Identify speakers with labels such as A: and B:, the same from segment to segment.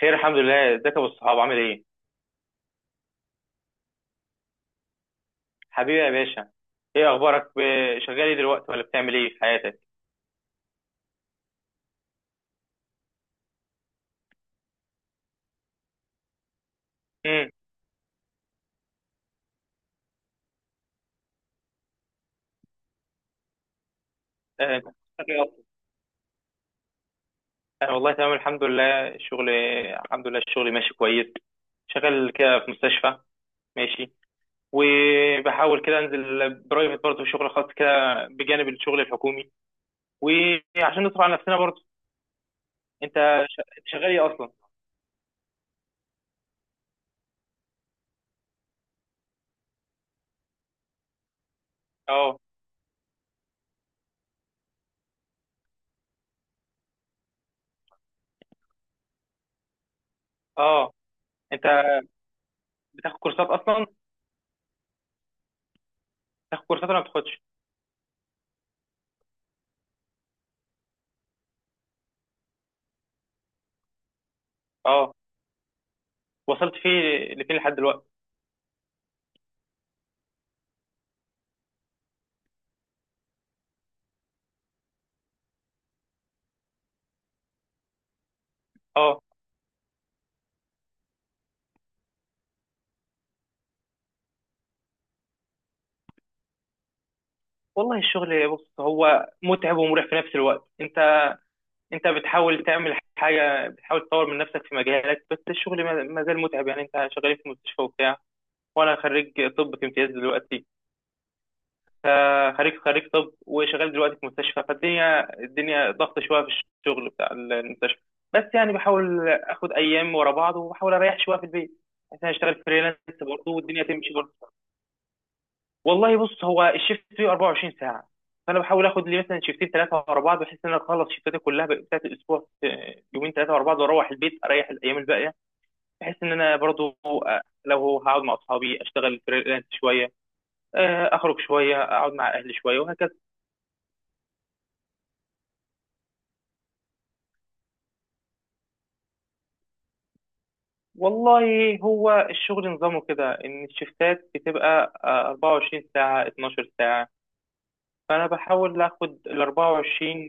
A: خير، الحمد لله، ازيك يا ابو الصحاب؟ عامل ايه؟ حبيبي يا باشا. ايه اخبارك؟ شغال ايه دلوقتي ولا بتعمل ايه في حياتك؟ امم انت بتشتغل إيه أصلاً؟ انا والله تمام، الحمد لله. الشغل، الحمد لله، الشغل ماشي كويس. شغال كده في مستشفى. ماشي. وبحاول كده انزل برايفت برضه، شغل خاص كده بجانب الشغل الحكومي، وعشان نصرف على نفسنا برضه. انت، أنت شغال ايه اصلا؟ اه، اه، انت بتاخد كورسات اصلا؟ بتاخد كورسات ولا ما بتاخدش؟ اه، وصلت فيه لفين لحد دلوقتي؟ اه، والله الشغل بص، هو متعب ومريح في نفس الوقت. انت، انت بتحاول تعمل حاجه، بتحاول تطور من نفسك في مجالك، بس الشغل ما زال متعب. يعني انت شغال في مستشفى وبتاع، وانا خريج طب في امتياز دلوقتي. خريج طب وشغال دلوقتي في مستشفى، فالدنيا ضغط شويه في الشغل بتاع المستشفى. بس يعني بحاول اخد ايام ورا بعض، وبحاول اريح شويه في البيت عشان اشتغل فريلانس برضه، والدنيا تمشي برضه. والله بص، هو الشيفت فيه 24 ساعه، فانا بحاول اخد لي مثلا شيفتين ثلاثه ورا بعض، بحيث ان انا اخلص شيفتاتي كلها بتاعت الاسبوع في يومين ثلاثه ورا بعض، واروح البيت اريح الايام الباقيه، بحيث ان انا برضو لو هقعد مع اصحابي اشتغل فريلانس شويه، اخرج شويه، اقعد مع اهلي شويه، وهكذا. والله هو الشغل نظامه كده ان الشيفتات بتبقى 24 ساعه، 12 ساعه، فانا بحاول اخد ال 24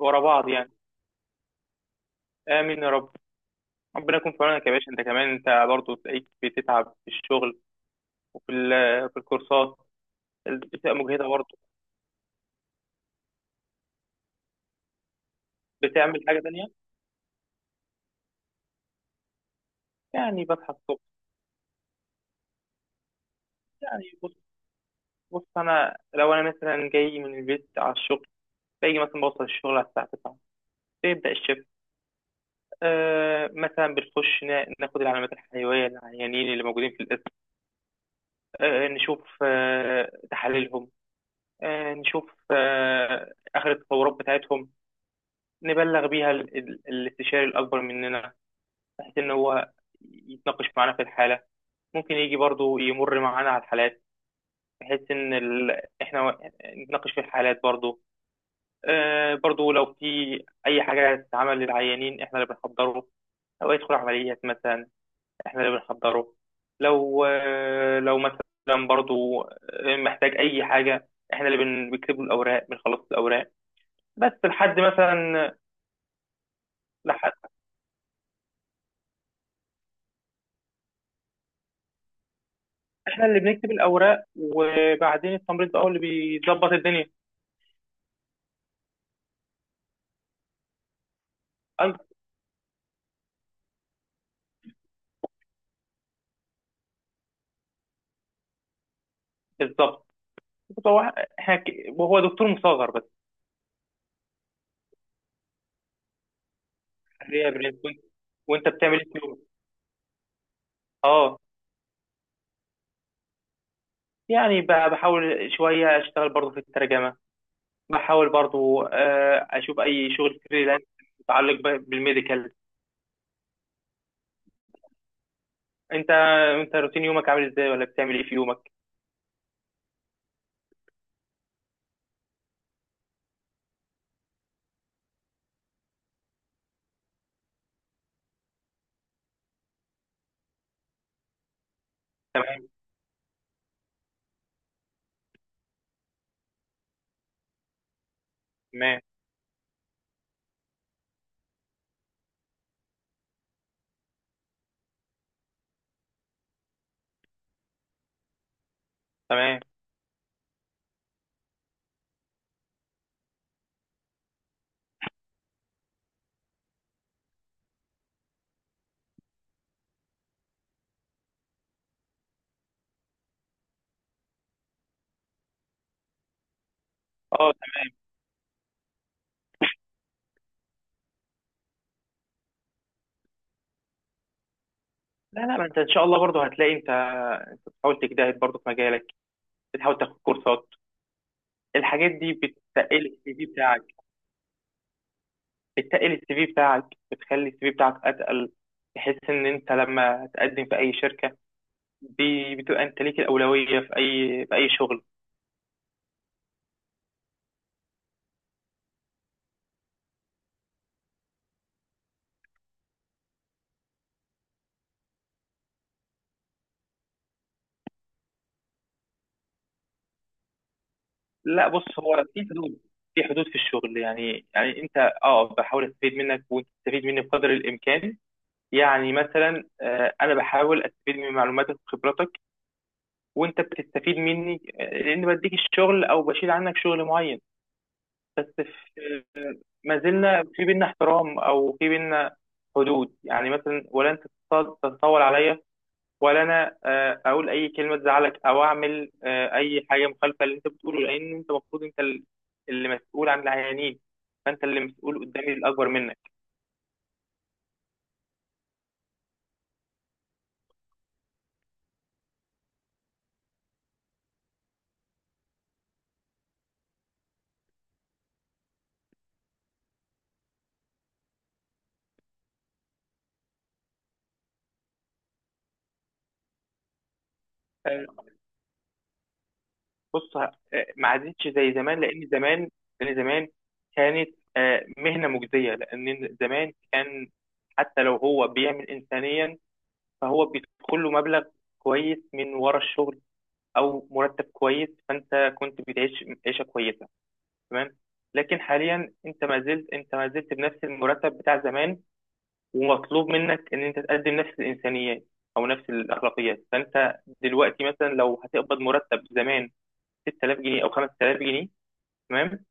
A: ورا بعض يعني. امين يا رب. ربنا يكون في عونك يا باشا، انت كمان انت برضه تلاقيك بتتعب في الشغل، في الكورسات بتبقى مجهده برضه. بتعمل حاجه تانية؟ يعني بصحى الصبح، يعني بص انا لو انا مثلا جاي من البيت على الشغل، باجي مثلا بوصل الشغل على الساعه 9، بيبدا الشفت. مثلا بنخش ناخد العلامات الحيويه للعيانين اللي موجودين في القسم، نشوف تحاليلهم، نشوف اخر التطورات بتاعتهم، نبلغ بيها الاستشاري الاكبر مننا، بحيث إن هو يتناقش معانا في الحالة. ممكن يجي برضو يمر معانا على الحالات، بحيث إن إحنا نتناقش في الحالات برضو. برضو لو في أي حاجة تتعمل للعيانين إحنا اللي بنحضره. لو يدخل عمليات مثلا، إحنا اللي بنحضره. لو مثلا برضو محتاج أي حاجة، إحنا اللي بنكتب له الأوراق، بنخلص الأوراق، بس لحد مثلا، لحد إحنا اللي بنكتب الأوراق، وبعدين التمريض بقى هو اللي بيظبط الدنيا. أيوة، بالظبط. هو حكي وهو دكتور مصغر بس. هي برين كويس. وانت بتعمل ايه في يومك؟ اه، يعني بحاول شويه اشتغل برضو في الترجمه، بحاول برضو اشوف اي شغل فريلانس متعلق بالميديكال. انت، روتين يومك عامل ازاي ولا بتعمل ايه في يومك؟ تمام، تمام، تمام، اه. لا، لا، ما انت ان شاء الله برضو هتلاقي. انت، انت بتحاول تجتهد برضو في مجالك، بتحاول تاخد كورسات، الحاجات دي بتقل السي في بتاعك، بتتقل السي في بتاعك، بتخلي السي في بتاعك اتقل، بحيث ان انت لما تقدم في اي شركه، بتبقى انت ليك الاولويه في اي في اي شغل. لا، بص هو في حدود، في حدود في الشغل يعني. انت، اه، بحاول استفيد منك وانت تستفيد مني بقدر الامكان. يعني مثلا، انا بحاول استفيد من معلوماتك وخبراتك، وانت بتستفيد مني لان بديك الشغل او بشيل عنك شغل معين. بس في، ما زلنا في بينا احترام او في بينا حدود، يعني مثلا ولا انت تتطاول عليا، ولا انا اقول اي كلمه تزعلك، او اعمل اي حاجه مخالفه اللي انت بتقوله، لان انت المفروض انت اللي مسؤول عن العيانين، فانت اللي مسؤول قدامي الاكبر منك. آه، بص، ما عادتش زي زمان، لان زمان كانت مهنه مجزيه، لان زمان كان حتى لو هو بيعمل انسانيا، فهو بيدخل له مبلغ كويس من ورا الشغل، او مرتب كويس، فانت كنت بتعيش عيشه كويسه، تمام. لكن حاليا انت ما زلت بنفس المرتب بتاع زمان، ومطلوب منك ان انت تقدم نفس الانسانيات، او نفس الاخلاقيات، فانت دلوقتي مثلا لو هتقبض مرتب زمان، 6000 جنيه او 5000 جنيه، تمام.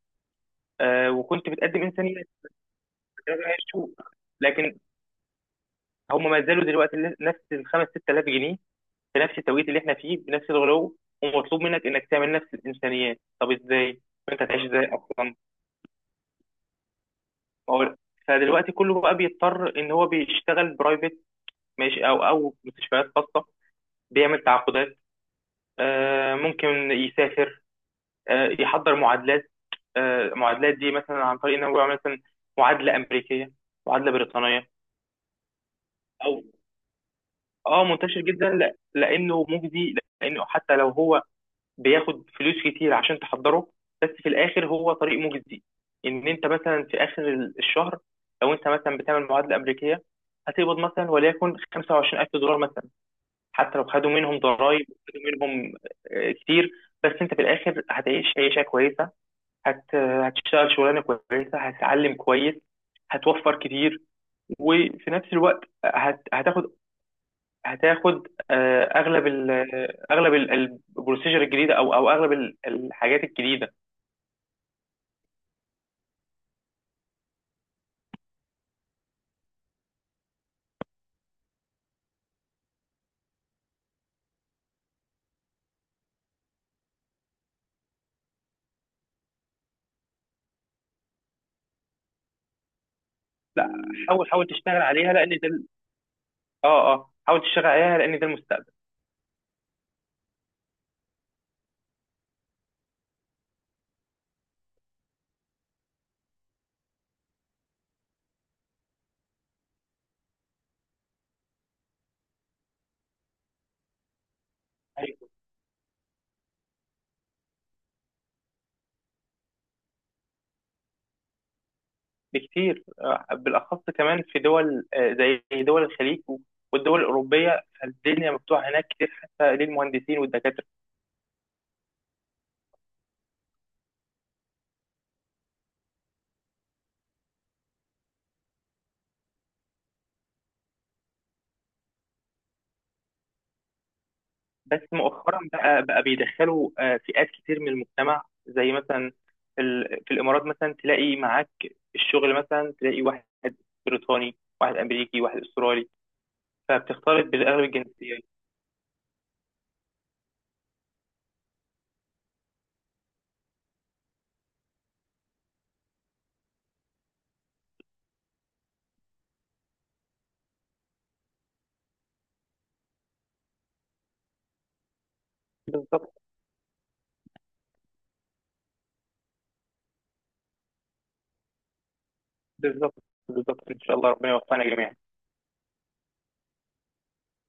A: وكنت بتقدم انسانيات، فده بقى هيشوف. لكن هم ما زالوا دلوقتي نفس ال 5 6000 جنيه، في نفس التوقيت اللي احنا فيه بنفس الغلو، ومطلوب منك انك تعمل نفس الانسانيات. طب ازاي انت هتعيش ازاي اصلا؟ ما هو- فدلوقتي كله بقى بيضطر ان هو بيشتغل برايفت، ماشي، او مستشفيات خاصه، بيعمل تعاقدات، ممكن يسافر، يحضر معادلات. المعادلات دي مثلا عن طريق ان هو يعمل مثلا معادله امريكيه، معادله بريطانيه، او اه، منتشر جدا لانه مجدي، لانه حتى لو هو بياخد فلوس كتير عشان تحضره، بس في الاخر هو طريق مجزي. ان انت مثلا في اخر الشهر، لو انت مثلا بتعمل معادله امريكيه هتقبض مثلا وليكن 25000 دولار مثلا، حتى لو خدوا منهم ضرائب، وخدوا منهم كتير، بس انت في الاخر هتعيش عيشه كويسه، هتشتغل شغلانه كويسه، هتتعلم كويس، هتوفر كتير، وفي نفس الوقت هت... هتاخد هتاخد اغلب ال اغلب ال- البروسيجر الجديده، او اغلب ال- الحاجات الجديده. لا، حاول تشتغل عليها لان ده حاول تشتغل عليها لان ده المستقبل. أيوة. بكتير، بالاخص كمان في دول زي دول الخليج والدول الاوروبيه، فالدنيا مفتوحه هناك كتير، حتى للمهندسين والدكاتره. بس مؤخرا بقى بيدخلوا فئات كتير من المجتمع، زي مثلا في الامارات مثلا تلاقي معاك في الشغل، مثلا تلاقي واحد بريطاني، واحد امريكي، واحد استرالي، فبتختلط بالاغلب الجنسيات. بالظبط، بالظبط، بالظبط، ان شاء الله ربنا يوفقنا جميعا.